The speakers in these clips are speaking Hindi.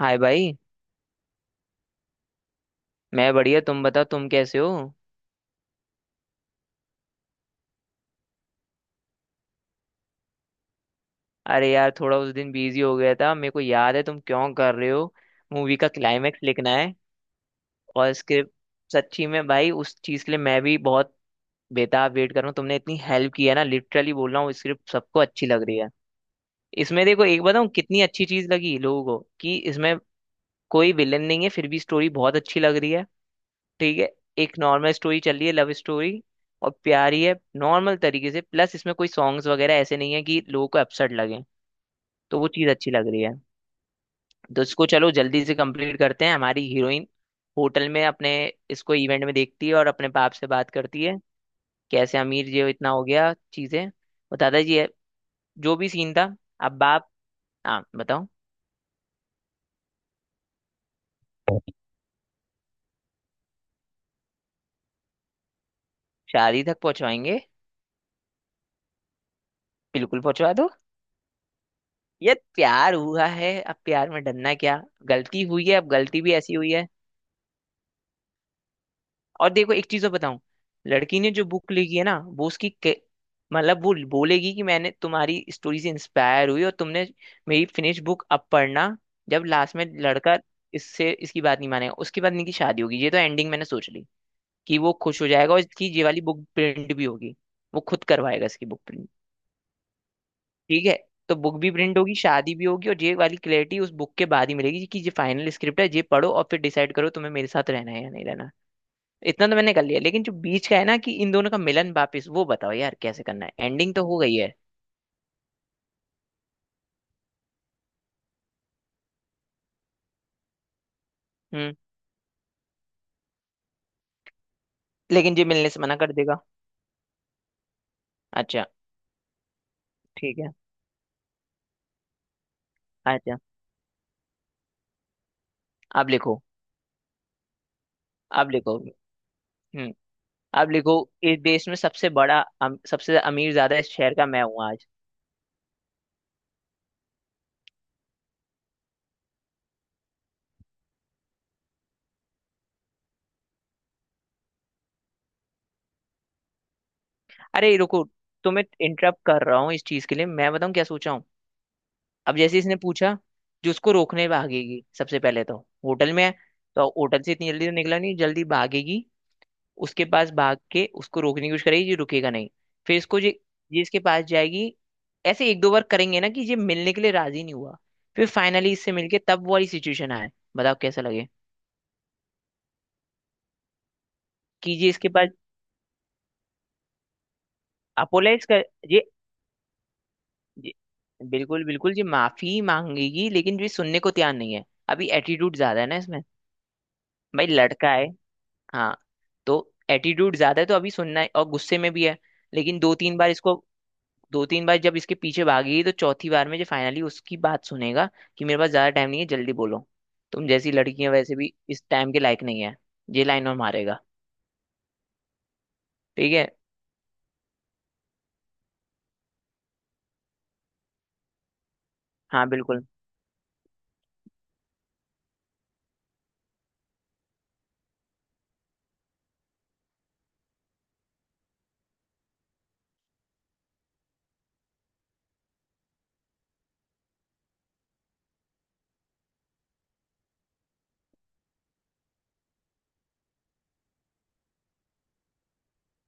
हाय भाई। मैं बढ़िया, तुम बताओ तुम कैसे हो। अरे यार, थोड़ा उस दिन बिजी हो गया था, मेरे को याद है तुम क्यों कर रहे हो। मूवी का क्लाइमेक्स लिखना है और स्क्रिप्ट। सच्ची में भाई, उस चीज़ के लिए मैं भी बहुत बेताब वेट कर रहा हूँ, तुमने इतनी हेल्प की है ना, लिटरली बोल रहा हूँ, स्क्रिप्ट सबको अच्छी लग रही है। इसमें देखो, एक बताऊँ कितनी अच्छी चीज़ लगी लोगों को, कि इसमें कोई विलन नहीं है फिर भी स्टोरी बहुत अच्छी लग रही है। ठीक है। एक नॉर्मल स्टोरी चल रही है, लव स्टोरी, और प्यारी है नॉर्मल तरीके से। प्लस इसमें कोई सॉन्ग्स वगैरह ऐसे नहीं है कि लोगों को अपसेट लगे। तो वो चीज़ अच्छी लग रही है। तो इसको चलो जल्दी से कंप्लीट करते हैं। हमारी हीरोइन होटल में अपने इसको इवेंट में देखती है और अपने बाप से बात करती है, कैसे अमीर जी हो, इतना हो गया चीज़ें, और दादाजी है जो भी सीन था। अब बाप, हाँ बताओ। शादी तक पहुंचवाएंगे, बिल्कुल पहुंचवा दो। ये प्यार हुआ है, अब प्यार में डरना क्या। गलती हुई है, अब गलती भी ऐसी हुई है। और देखो, एक चीज और बताऊं। लड़की ने जो बुक लिखी है ना, वो उसकी मतलब वो बोलेगी कि मैंने तुम्हारी स्टोरी से इंस्पायर हुई, और तुमने मेरी फिनिश बुक अब पढ़ना जब लास्ट में लड़का इससे इसकी बात नहीं मानेगा, उसके बाद इनकी शादी होगी। ये तो एंडिंग मैंने सोच ली कि वो खुश हो जाएगा और इसकी ये वाली बुक प्रिंट भी होगी। वो खुद करवाएगा इसकी बुक प्रिंट। ठीक है। तो बुक भी प्रिंट होगी, शादी भी होगी, और ये वाली क्लैरिटी उस बुक के बाद ही मिलेगी कि ये फाइनल स्क्रिप्ट है, ये पढ़ो और फिर डिसाइड करो तुम्हें मेरे साथ रहना है या नहीं रहना। इतना तो मैंने कर लिया, लेकिन जो बीच का है ना, कि इन दोनों का मिलन वापिस, वो बताओ यार कैसे करना है। एंडिंग तो हो गई है। हम्म। लेकिन ये मिलने से मना कर देगा। अच्छा। ठीक है। अच्छा। अब लिखो, अब लिखो। हम्म। अब लिखो। इस देश में सबसे बड़ा सबसे अमीर ज्यादा इस शहर का मैं हूँ आज। अरे रुको, तुम्हें इंटरप्ट कर रहा हूँ इस चीज के लिए, मैं बताऊँ क्या सोचा हूँ। अब जैसे इसने पूछा, जो उसको रोकने भागेगी सबसे पहले तो, होटल में है, तो होटल से इतनी जल्दी तो निकला नहीं, जल्दी भागेगी उसके पास, भाग के उसको रोकने की कोशिश करेगी, ये रुकेगा नहीं। फिर इसको ये इसके पास जाएगी। ऐसे एक दो बार करेंगे ना, कि ये मिलने के लिए राजी नहीं हुआ, फिर फाइनली इससे मिलके तब वो वाली सिचुएशन आए। बताओ कैसा लगे। कि ये इसके पास अपोलाइज कर, ये, ये बिल्कुल बिल्कुल ये माफी मांगेगी, लेकिन ये सुनने को तैयार नहीं है, अभी एटीट्यूड ज्यादा है ना इसमें। भाई लड़का है। हाँ। तो एटीट्यूड ज्यादा है, तो अभी सुनना है और गुस्से में भी है। लेकिन दो तीन बार इसको, दो तीन बार जब इसके पीछे भागी, तो चौथी बार में जो फाइनली उसकी बात सुनेगा कि मेरे पास ज्यादा टाइम नहीं है, जल्दी बोलो। तुम जैसी लड़कियां वैसे भी इस टाइम के लायक नहीं है, ये लाइन और मारेगा। ठीक है। हाँ बिल्कुल।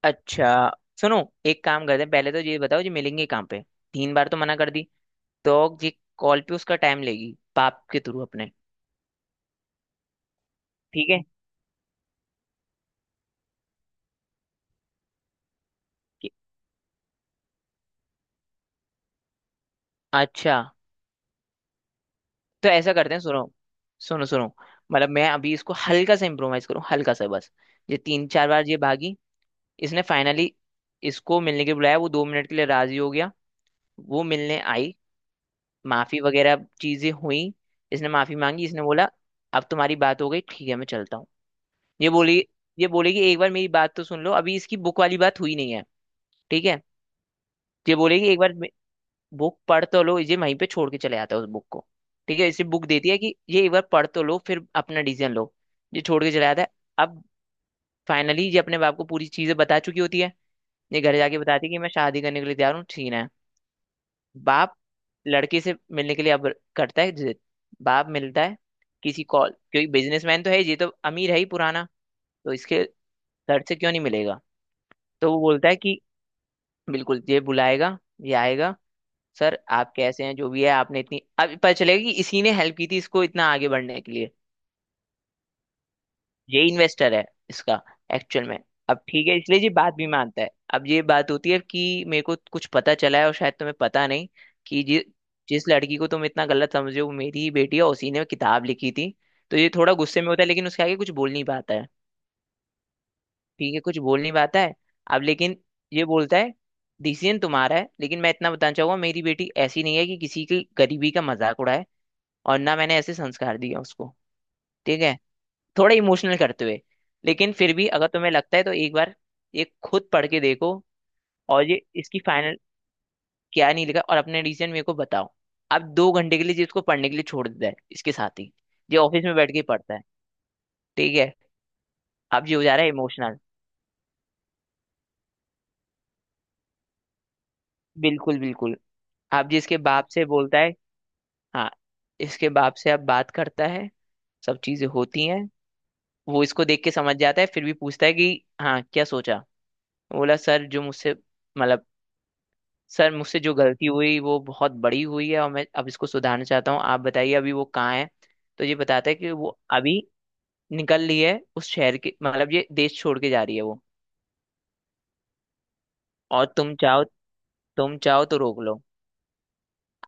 अच्छा सुनो, एक काम करते हैं, पहले तो ये बताओ जो मिलेंगे कहाँ पे। तीन बार तो मना कर दी, तो ये कॉल पे उसका टाइम लेगी बाप के थ्रू अपने। ठीक है कि- अच्छा। तो ऐसा करते हैं, सुनो सुनो सुनो, मतलब मैं अभी इसको हल्का सा इम्प्रोवाइज करूँ, हल्का सा बस। ये तीन चार बार ये भागी, इसने फाइनली इसको मिलने के लिए बुलाया, वो 2 मिनट के लिए राजी हो गया, वो मिलने आई, माफी वगैरह चीजें हुई, इसने माफी मांगी, इसने बोला अब तुम्हारी बात हो गई ठीक है मैं चलता हूँ। ये बोली, ये बोलेगी एक बार मेरी बात तो सुन लो, अभी इसकी बुक वाली बात हुई नहीं है। ठीक है। ये बोलेगी एक बार बुक पढ़ तो लो, ये वहीं पे छोड़ के चले जाता है उस बुक को। ठीक है, इसे बुक देती है कि ये एक बार पढ़ तो लो फिर अपना डिसीजन लो। ये छोड़ के चला जाता है। अब फाइनली ये अपने बाप को पूरी चीजें बता चुकी होती है, ये घर जाके बताती है कि मैं शादी करने के लिए तैयार हूँ, ठीक है। बाप लड़की से मिलने के लिए अब करता है जिद, बाप मिलता है किसी कॉल, क्योंकि बिजनेसमैन तो है ये, तो अमीर है ही पुराना, तो इसके सर से क्यों नहीं मिलेगा। तो वो बोलता है कि बिल्कुल ये बुलाएगा, ये आएगा, सर आप कैसे हैं, जो भी है आपने इतनी, अब पता चलेगा कि इसी ने हेल्प की थी इसको इतना आगे बढ़ने के लिए, ये इन्वेस्टर है इसका एक्चुअल में। अब ठीक है, इसलिए ये बात भी मानता है। अब ये बात होती है कि मेरे को कुछ पता चला है और शायद तुम्हें पता नहीं, कि जिस लड़की को तुम इतना गलत समझे हो वो मेरी ही बेटी है, और उसी ने किताब लिखी थी। तो ये थोड़ा गुस्से में होता है, लेकिन उसके आगे कुछ बोल नहीं पाता है। ठीक है, कुछ बोल नहीं पाता है। अब लेकिन ये बोलता है, डिसीजन तुम्हारा है, लेकिन मैं इतना बताना चाहूंगा, मेरी बेटी ऐसी नहीं है कि किसी की गरीबी का मजाक उड़ाए, और ना मैंने ऐसे संस्कार दिया उसको। ठीक है, थोड़ा इमोशनल करते हुए, लेकिन फिर भी अगर तुम्हें लगता है तो एक बार ये खुद पढ़ के देखो। और ये इसकी फाइनल, क्या नहीं लिखा और अपने रीजन मेरे को बताओ। आप 2 घंटे के लिए जिसको पढ़ने के लिए छोड़ देता है इसके साथ ही, ये ऑफिस में बैठ के ही पढ़ता है। ठीक है। अब ये हो जा रहा है इमोशनल। बिल्कुल बिल्कुल। आप जिसके बाप से बोलता है, हाँ, इसके बाप से आप बात करता है, सब चीजें होती हैं। वो इसको देख के समझ जाता है, फिर भी पूछता है कि हाँ क्या सोचा। बोला सर, जो मुझसे, मतलब सर मुझसे जो गलती हुई वो बहुत बड़ी हुई है, और मैं अब इसको सुधारना चाहता हूँ, आप बताइए अभी वो कहाँ है। तो ये बताता है कि वो अभी निकल रही है, उस शहर के मतलब ये देश छोड़ के जा रही है वो, और तुम चाहो, तुम चाहो तो रोक लो।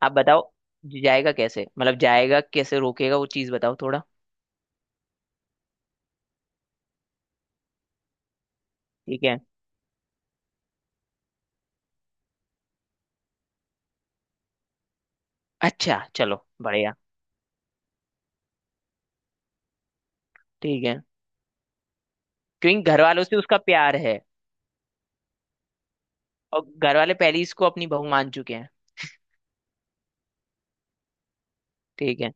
आप बताओ जाएगा कैसे, मतलब जाएगा कैसे, रोकेगा वो चीज़ बताओ थोड़ा। ठीक है, अच्छा चलो बढ़िया, ठीक है, क्योंकि घर वालों से उसका प्यार है, और घर वाले पहले ही इसको अपनी बहू मान चुके हैं। ठीक है।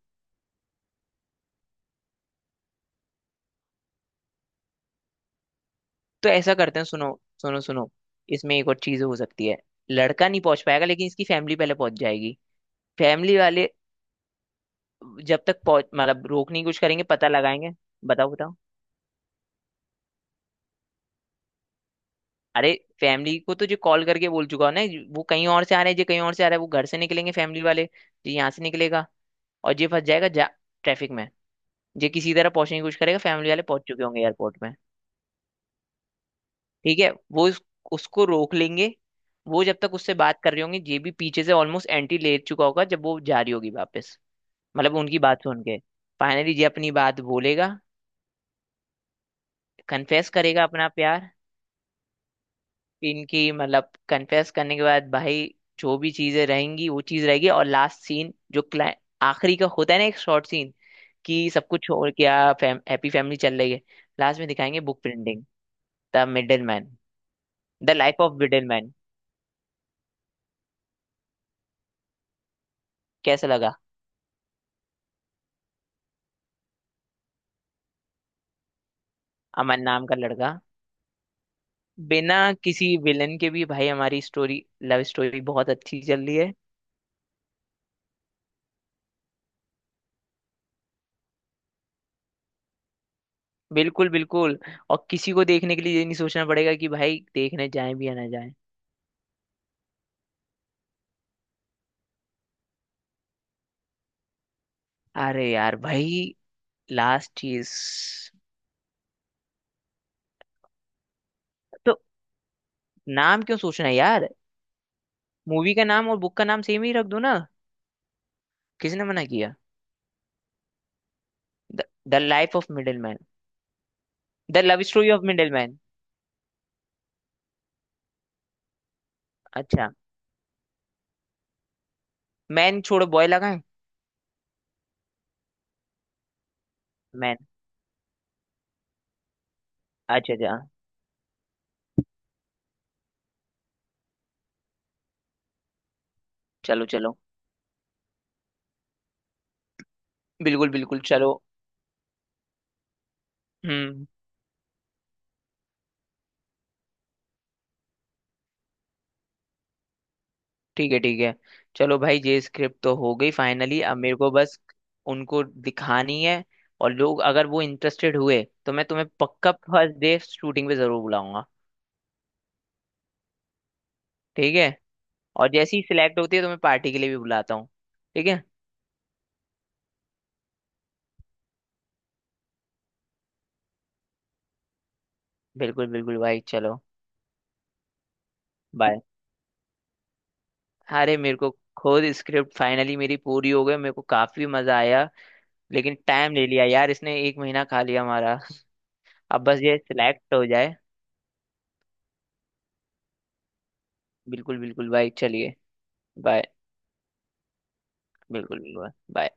तो ऐसा करते हैं, सुनो सुनो सुनो, इसमें एक और चीज हो सकती है, लड़का नहीं पहुंच पाएगा, लेकिन इसकी फैमिली पहले पहुंच जाएगी। फैमिली वाले जब तक पहुंच, मतलब रोकने की कोशिश करेंगे, पता लगाएंगे। बताओ बताओ। अरे, फैमिली को तो जो कॉल करके बोल चुका हो ना, वो कहीं और से आ रहा है, जो कहीं और से आ रहा है, वो घर से निकलेंगे फैमिली वाले, जो यहाँ से निकलेगा और ये फंस जाएगा जा ट्रैफिक में, जो किसी तरह पहुंचने की कोशिश करेगा, फैमिली वाले पहुंच चुके होंगे एयरपोर्ट में। ठीक है, वो उसको रोक लेंगे। वो जब तक उससे बात कर रही होंगी, ये भी पीछे से ऑलमोस्ट एंटी ले चुका होगा, जब वो जा रही होगी वापस, मतलब उनकी बात सुन के फाइनली ये अपनी बात बोलेगा, कन्फेस करेगा अपना प्यार। इनकी मतलब कन्फेस करने के बाद भाई जो भी चीजें रहेंगी वो चीज रहेगी, और लास्ट सीन जो क्लाइ आखिरी का होता है ना, एक शॉर्ट सीन, कि सब कुछ, और क्या हैप्पी फैमिली चल रही है, लास्ट में दिखाएंगे book printing. The middle man. The life of middle man. कैसा लगा। अमन नाम का लड़का। बिना किसी विलन के भी भाई हमारी स्टोरी, लव स्टोरी, बहुत अच्छी चल रही है। बिल्कुल बिल्कुल। और किसी को देखने के लिए ये नहीं सोचना पड़ेगा कि भाई देखने जाए भी या ना जाए। अरे यार भाई, लास्ट चीज तो, नाम क्यों सोचना है यार, मूवी का नाम और बुक का नाम सेम ही रख दो ना, किसने मना किया। The life of middle man. The love story of middle man. अच्छा। मैन छोड़ो, बॉय लगाएं। मैन। अच्छा अच्छा। चलो चलो। बिल्कुल बिल्कुल चलो। हम्म। ठीक है, ठीक है। चलो भाई, ये स्क्रिप्ट तो हो गई फाइनली, अब मेरे को बस उनको दिखानी है, और लोग अगर वो इंटरेस्टेड हुए तो मैं तुम्हें पक्का फर्स्ट डे शूटिंग पे जरूर बुलाऊंगा। ठीक है। और जैसी सिलेक्ट होती है तो मैं पार्टी के लिए भी बुलाता हूँ। ठीक है, बिल्कुल बिल्कुल भाई चलो। बाय। अरे, मेरे को खुद स्क्रिप्ट फाइनली मेरी पूरी हो गई, मेरे को काफी मजा आया, लेकिन टाइम ले लिया यार, इसने एक महीना खा लिया हमारा। अब बस ये सिलेक्ट हो जाए। बिल्कुल बिल्कुल भाई चलिए। बाय। बिल्कुल बिल्कुल। bye।